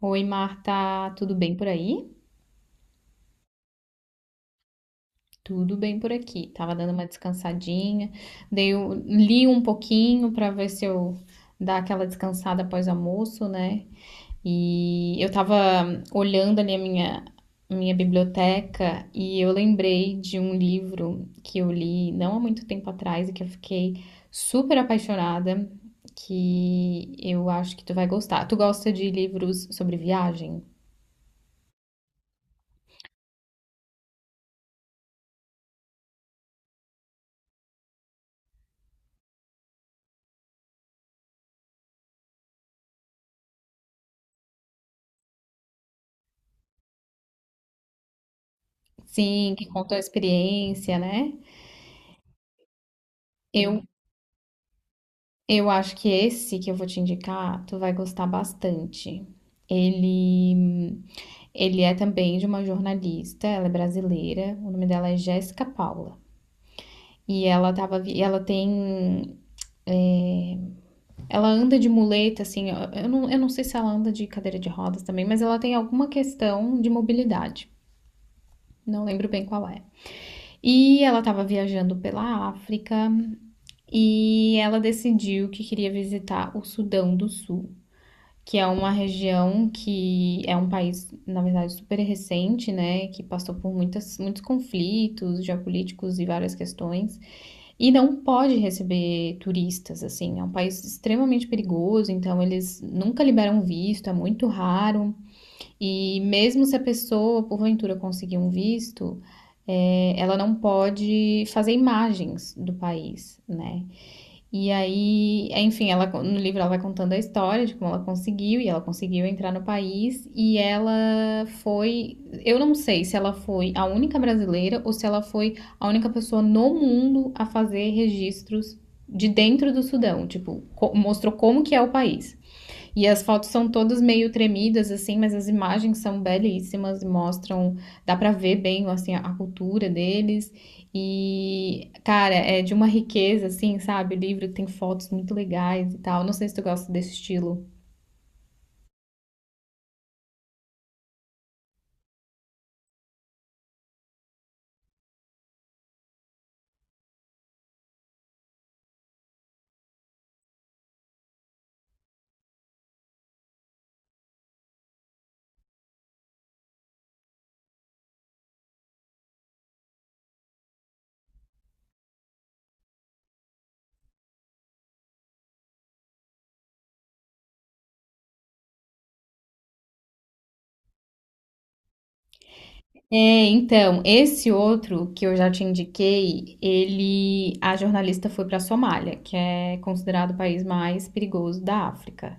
Oi, Marta, tudo bem por aí? Tudo bem por aqui. Tava dando uma descansadinha, li um pouquinho para ver se eu dar aquela descansada após o almoço, né? E eu tava olhando ali a minha biblioteca e eu lembrei de um livro que eu li não há muito tempo atrás e que eu fiquei super apaixonada, que eu acho que tu vai gostar. Tu gosta de livros sobre viagem? Sim, que contam a experiência, né? Eu, eu acho que esse que eu vou te indicar, tu vai gostar bastante. Ele, ele é também de uma jornalista, ela é brasileira, o nome dela é Jéssica Paula. E ela tem, ela anda de muleta, assim, eu não sei se ela anda de cadeira de rodas também, mas ela tem alguma questão de mobilidade. Não lembro bem qual é. E ela estava viajando pela África e ela decidiu que queria visitar o Sudão do Sul, que é uma região que é um país, na verdade, super recente, né, que passou por muitos conflitos geopolíticos e várias questões, e não pode receber turistas, assim, é um país extremamente perigoso, então eles nunca liberam visto, é muito raro, e mesmo se a pessoa, porventura, conseguir um visto, ela não pode fazer imagens do país, né, e aí, enfim, ela no livro ela vai contando a história de como ela conseguiu e ela conseguiu entrar no país e ela foi, eu não sei se ela foi a única brasileira ou se ela foi a única pessoa no mundo a fazer registros de dentro do Sudão, tipo, mostrou como que é o país. E as fotos são todas meio tremidas, assim, mas as imagens são belíssimas, mostram, dá pra ver bem, assim, a cultura deles. E, cara, é de uma riqueza, assim, sabe? O livro tem fotos muito legais e tal. Não sei se tu gosta desse estilo. É, então, esse outro que eu já te indiquei, ele, a jornalista foi pra Somália, que é considerado o país mais perigoso da África.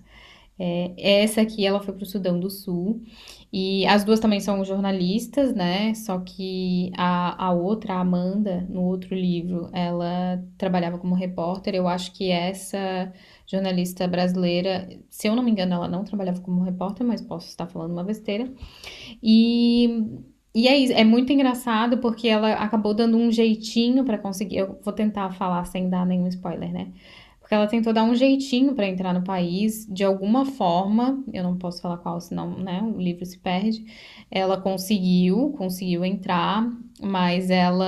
É, essa aqui, ela foi para o Sudão do Sul. E as duas também são jornalistas, né? Só que a outra, a Amanda, no outro livro, ela trabalhava como repórter. Eu acho que essa jornalista brasileira, se eu não me engano, ela não trabalhava como repórter, mas posso estar falando uma besteira. E, e é isso, é muito engraçado porque ela acabou dando um jeitinho pra conseguir. Eu vou tentar falar sem dar nenhum spoiler, né? Porque ela tentou dar um jeitinho pra entrar no país, de alguma forma, eu não posso falar qual, senão, né, o livro se perde. Ela conseguiu entrar, mas ela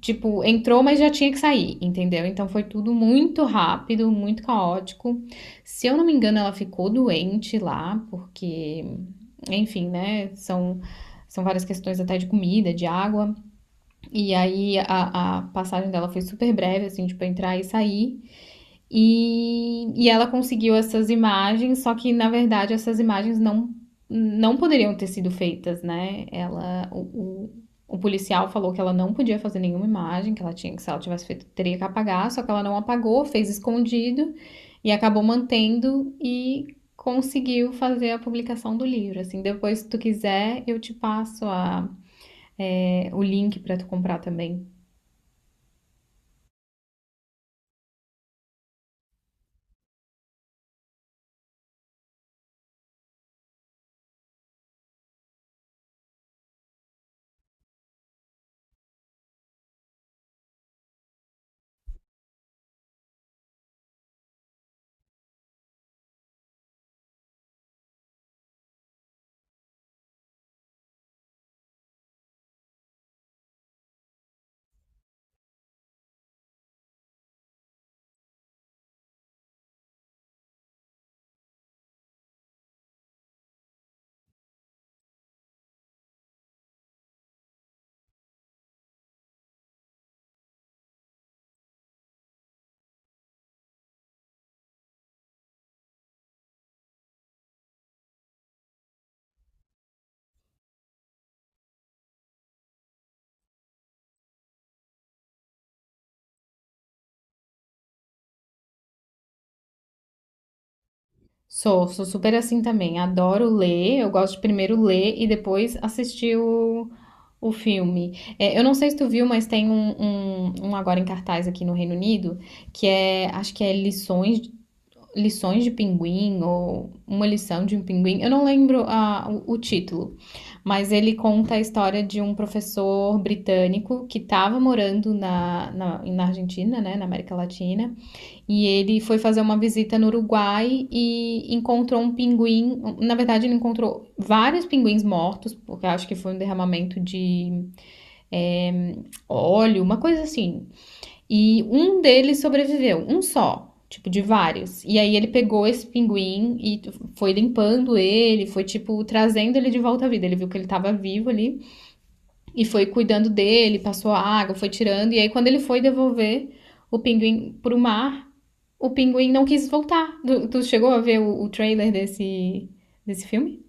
tipo, entrou, mas já tinha que sair, entendeu? Então foi tudo muito rápido, muito caótico. Se eu não me engano, ela ficou doente lá, porque, enfim, né? São várias questões até de comida, de água. E aí a passagem dela foi super breve, assim, tipo, entrar e sair. E ela conseguiu essas imagens, só que na verdade essas imagens não, não poderiam ter sido feitas, né? O, o policial falou que ela não podia fazer nenhuma imagem, que ela tinha que se ela tivesse feito teria que apagar, só que ela não apagou, fez escondido e acabou mantendo e conseguiu fazer a publicação do livro. Assim, depois se tu quiser eu te passo a, é, o link para tu comprar também. Sou, sou super assim também. Adoro ler, eu gosto de primeiro ler e depois assistir o filme. É, eu não sei se tu viu, mas tem um agora em cartaz aqui no Reino Unido, que é, acho que é Lições de Pinguim, ou Uma Lição de um Pinguim. Eu não lembro ah, o título, mas ele conta a história de um professor britânico que estava morando na Argentina, né, na América Latina. E ele foi fazer uma visita no Uruguai e encontrou um pinguim. Na verdade, ele encontrou vários pinguins mortos, porque acho que foi um derramamento de é, óleo, uma coisa assim. E um deles sobreviveu, um só. Tipo, de vários. E aí ele pegou esse pinguim e foi limpando ele, foi, tipo, trazendo ele de volta à vida. Ele viu que ele estava vivo ali. E foi cuidando dele, passou água, foi tirando. E aí, quando ele foi devolver o pinguim pro mar, o pinguim não quis voltar. Tu, tu chegou a ver o trailer desse, desse filme?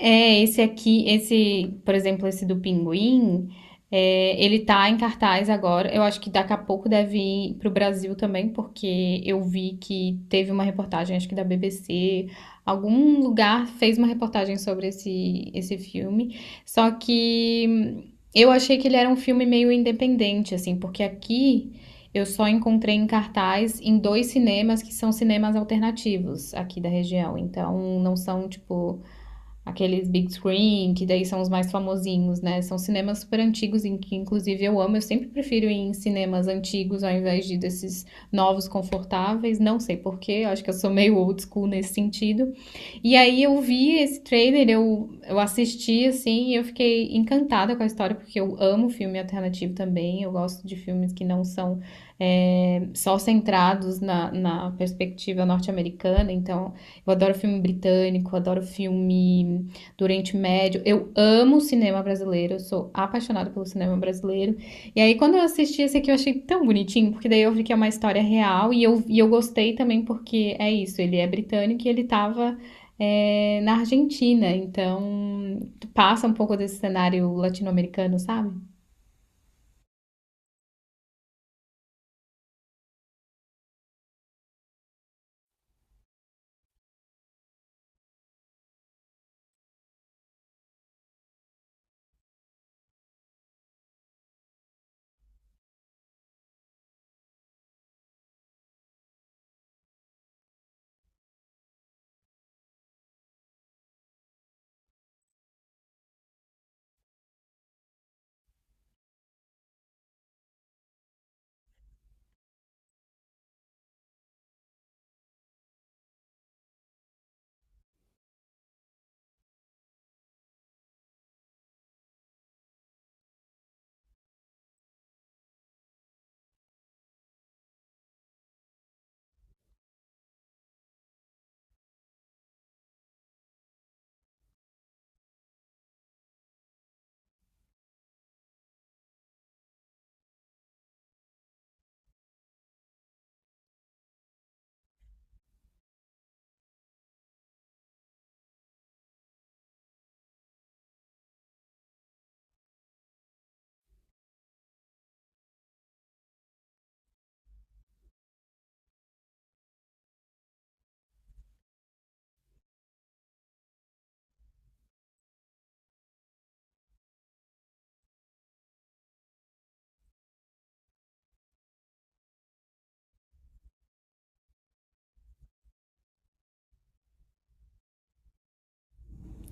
É, esse aqui, esse, por exemplo, esse do Pinguim, é, ele tá em cartaz agora. Eu acho que daqui a pouco deve ir pro Brasil também, porque eu vi que teve uma reportagem, acho que da BBC, algum lugar fez uma reportagem sobre esse, esse filme. Só que eu achei que ele era um filme meio independente, assim, porque aqui eu só encontrei em cartaz em dois cinemas que são cinemas alternativos aqui da região. Então, não são, tipo, aqueles big screen, que daí são os mais famosinhos, né? São cinemas super antigos, em que inclusive eu amo. Eu sempre prefiro ir em cinemas antigos ao invés de desses novos confortáveis. Não sei porquê, acho que eu sou meio old school nesse sentido. E aí eu vi esse trailer, eu assisti, assim, e eu fiquei encantada com a história, porque eu amo filme alternativo também, eu gosto de filmes que não são só centrados na perspectiva norte-americana, então eu adoro filme britânico, adoro filme do Oriente Médio, eu amo o cinema brasileiro, eu sou apaixonada pelo cinema brasileiro, e aí quando eu assisti esse aqui eu achei tão bonitinho, porque daí eu vi que é uma história real, e eu gostei também porque é isso, ele é britânico e ele tava na Argentina, então passa um pouco desse cenário latino-americano, sabe?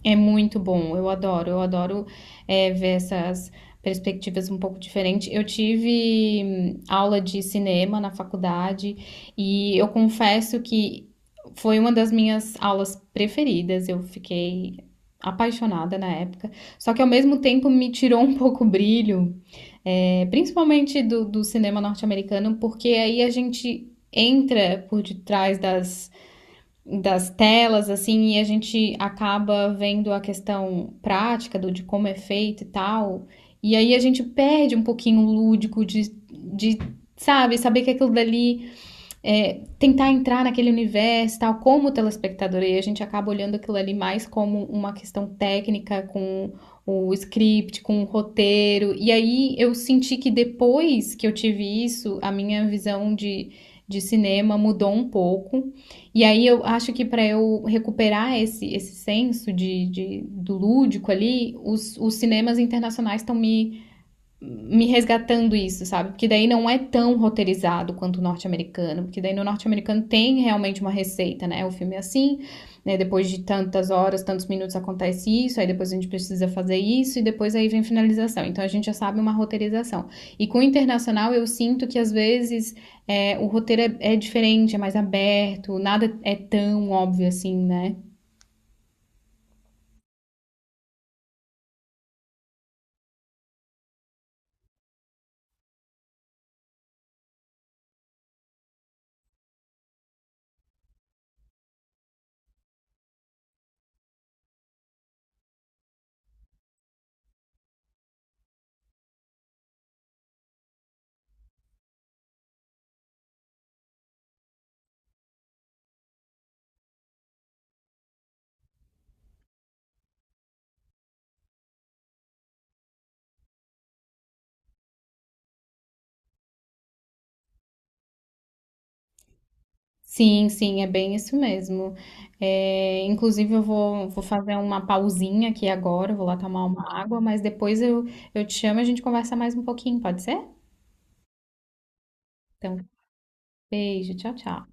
É muito bom, eu adoro ver essas perspectivas um pouco diferentes. Eu tive aula de cinema na faculdade e eu confesso que foi uma das minhas aulas preferidas, eu fiquei apaixonada na época, só que ao mesmo tempo me tirou um pouco o brilho. É, principalmente do cinema norte-americano, porque aí a gente entra por detrás das, das telas, assim, e a gente acaba vendo a questão prática do, de como é feito e tal. E aí a gente perde um pouquinho o lúdico de, sabe, saber que aquilo dali tentar entrar naquele universo tal, como telespectador, e a gente acaba olhando aquilo ali mais como uma questão técnica, com o script, com o roteiro. E aí eu senti que depois que eu tive isso, a minha visão de cinema mudou um pouco. E aí eu acho que para eu recuperar esse senso do lúdico ali, os cinemas internacionais estão me resgatando isso, sabe? Porque daí não é tão roteirizado quanto o norte-americano, porque daí no norte-americano tem realmente uma receita, né? O filme é assim, né? Depois de tantas horas, tantos minutos acontece isso, aí depois a gente precisa fazer isso e depois aí vem finalização. Então a gente já sabe uma roteirização. E com o internacional eu sinto que às vezes o roteiro é diferente, é mais aberto, nada é tão óbvio assim, né? Sim, sim, é bem isso mesmo. É, inclusive, vou fazer uma pausinha aqui agora, eu vou lá tomar uma água, mas depois eu te chamo e a gente conversa mais um pouquinho, pode ser? Então, beijo, tchau, tchau.